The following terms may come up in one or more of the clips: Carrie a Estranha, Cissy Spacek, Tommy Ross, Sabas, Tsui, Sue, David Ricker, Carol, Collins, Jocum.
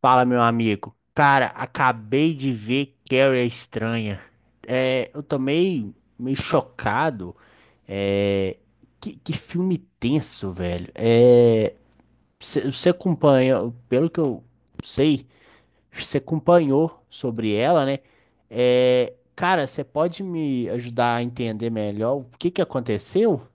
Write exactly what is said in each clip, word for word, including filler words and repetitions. Fala, meu amigo. Cara, acabei de ver Carrie a Estranha. É, eu tomei meio meio chocado. É, que, que filme tenso, velho. É, cê- você acompanha, pelo que eu sei, você acompanhou sobre ela, né? É, cara, você pode me ajudar a entender melhor o que que aconteceu?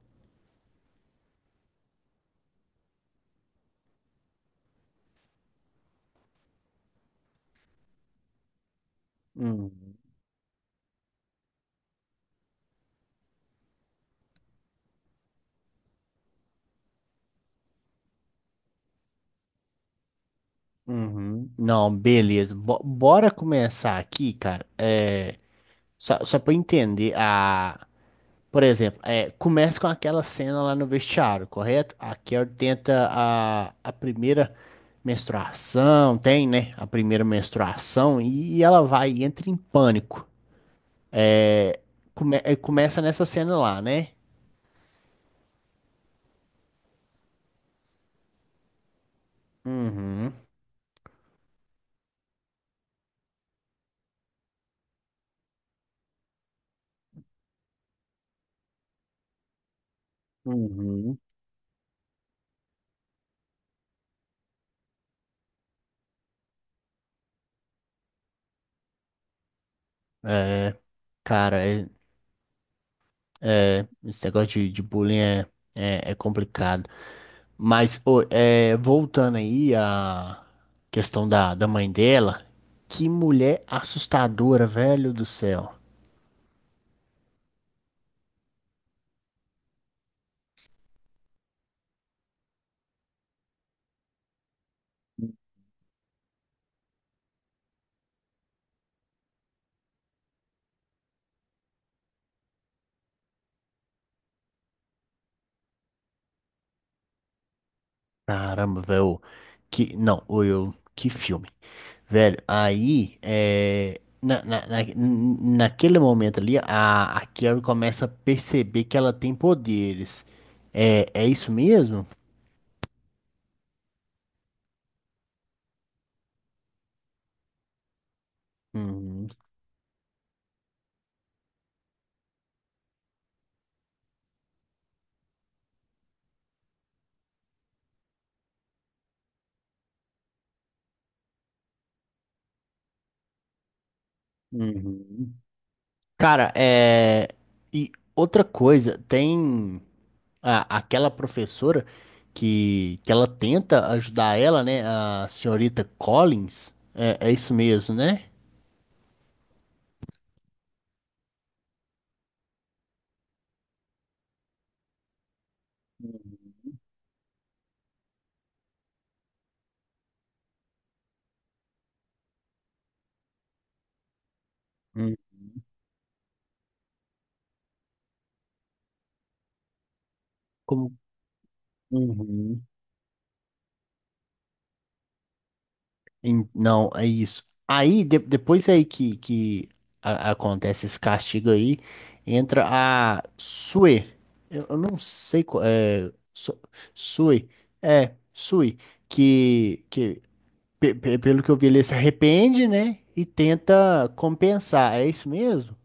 Uhum, uhum. Não, beleza. Bo- bora começar aqui, cara. É, Só, só pra eu entender, a... por exemplo, é, começa com aquela cena lá no vestiário, correto? A Carol tenta a, a primeira menstruação, tem, né? A primeira menstruação e ela vai e entra em pânico. É, come- é, começa nessa cena lá, né? Uhum, uhum. É, cara, é, é, esse negócio de, de bullying é, é, é complicado. Mas, pô, é, voltando aí à questão da, da mãe dela, que mulher assustadora, velho do céu. Caramba, velho. Que, não, ô, eu, que filme. Velho, aí, é, na, na, na- n- naquele momento ali, a, a Carrie começa a perceber que ela tem poderes. É, é isso mesmo? Uhum, uhum. Cara, é. E outra coisa, tem. A- aquela professora que, que ela tenta ajudar ela, né? A senhorita Collins. É, é isso mesmo, né? Uhum. Como- Uhum. em- Não, é isso. Aí, de- depois aí que, que a- acontece esse castigo aí, entra a Sue. Eu, eu não sei qual é. Su- Sue. É, Sue. Que, que pe- pe- Pelo que eu vi, ele se arrepende, né? E tenta compensar. É isso mesmo?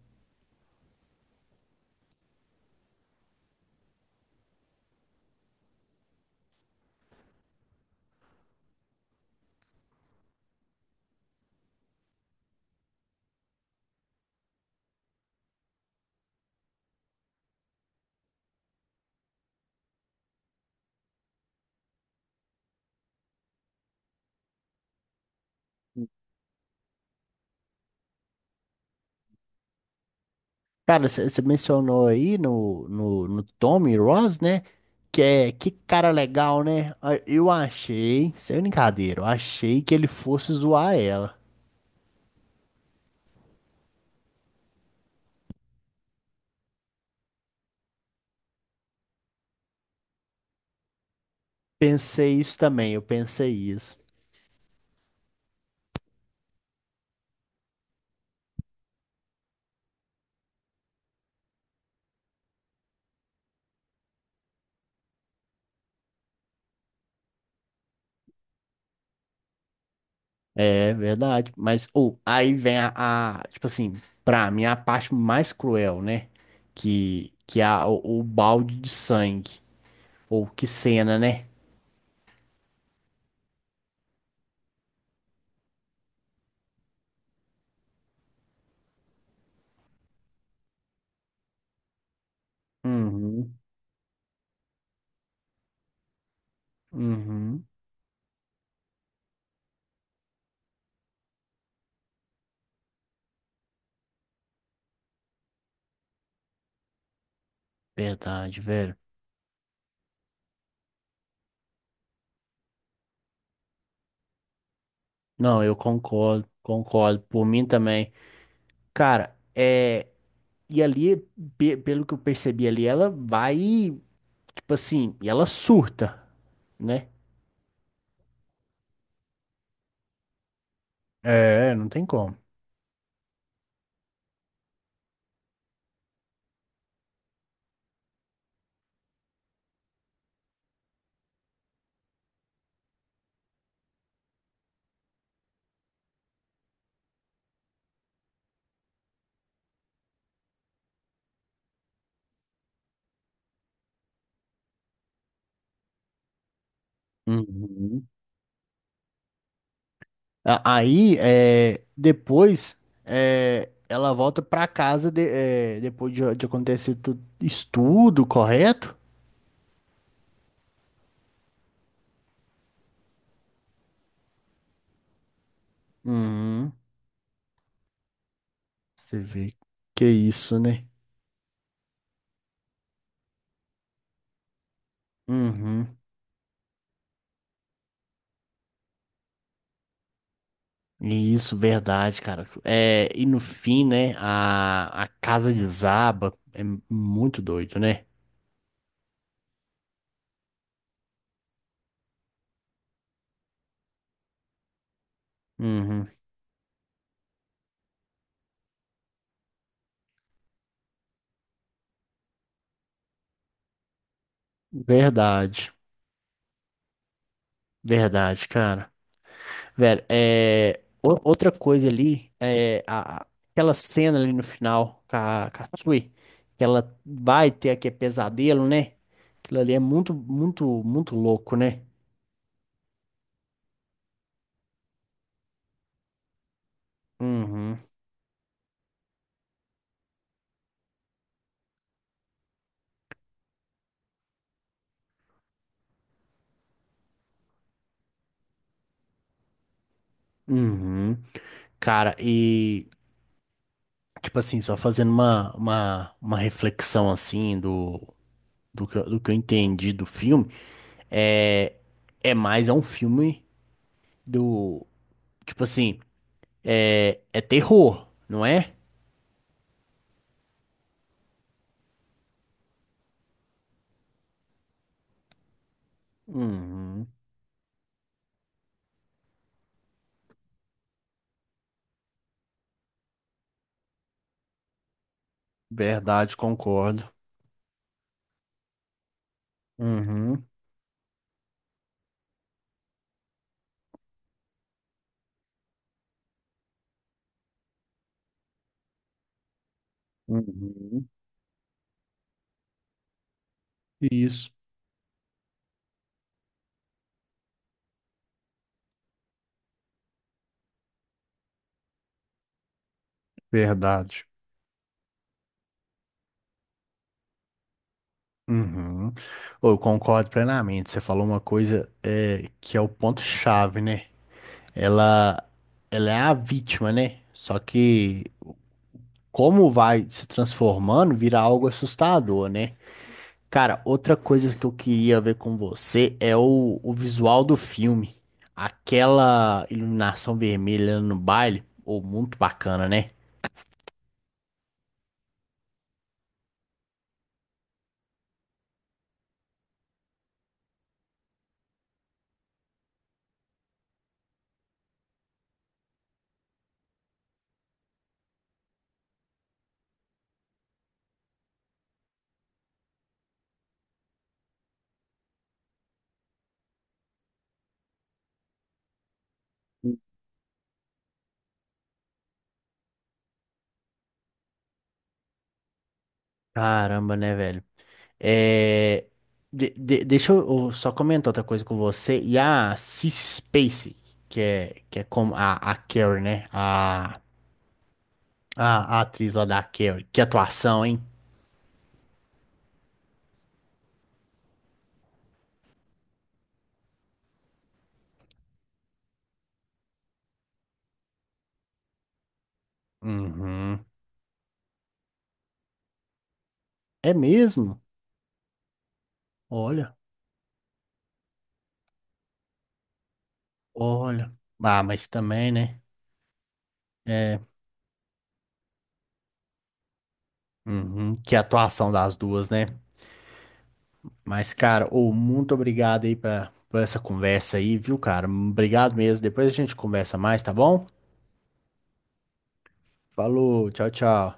Cara, você mencionou aí no, no, no Tommy Ross, né? Que é que cara legal, né? Ah, eu achei, sem brincadeira, eu achei que ele fosse zoar ela. Pensei isso também, eu pensei isso. É verdade, mas ou aí vem a, a, tipo assim, pra mim a parte mais cruel, né? Que que é a, o, o balde de sangue. Ou que cena, né? Uhum. Uhum. Verdade, velho. Não, eu concordo, concordo. Por mim também. Cara, é. E ali, pe- pelo que eu percebi ali, ela vai, tipo assim, e ela surta, né? É, não tem como. Uhum. A- Aí, é, depois, é, ela volta pra casa de- é, depois de, de acontecer tudo isso tudo, correto? Uhum. Você vê que é isso, né? Uhum. Isso, verdade, cara. É, e no fim, né, a, a casa desaba. É muito doido, né? Uhum. Verdade, verdade, cara. Velho, é, o- outra coisa ali, é a, a- aquela cena ali no final com a, com a Tsui, que ela vai ter aquele pesadelo, né? Aquilo ali é muito, muito, muito louco, né? Uhum, uhum. Cara, e. Tipo assim, só fazendo uma, uma, uma reflexão assim do, do que, eu- do que eu entendi do filme, é, é mais é um filme do, tipo assim, é, é terror, não é? Uhum. Verdade, concordo. Uhum. Uhum. Isso, verdade. Uhum. Ô, eu concordo plenamente. Você falou uma coisa é, que é o ponto-chave, né? Ela, ela é a vítima, né? Só que como vai se transformando, vira algo assustador, né? Cara, outra coisa que eu queria ver com você é o, o visual do filme. Aquela iluminação vermelha no baile, ou muito bacana, né? Caramba, né, velho? É, de- de- deixa eu eu só comentar outra coisa com você. E a Cissy Spacek, que é, que é como a, a Carrie, né? A, a, a atriz lá da Carrie. Que atuação, hein? Uhum. É mesmo? Olha. Olha. Ah, mas também, né? É. Uhum. Que atuação das duas, né? Mas, cara, ô, muito obrigado aí pra, por essa conversa aí, viu, cara? Obrigado mesmo. Depois a gente conversa mais, tá bom? Falou, tchau, tchau.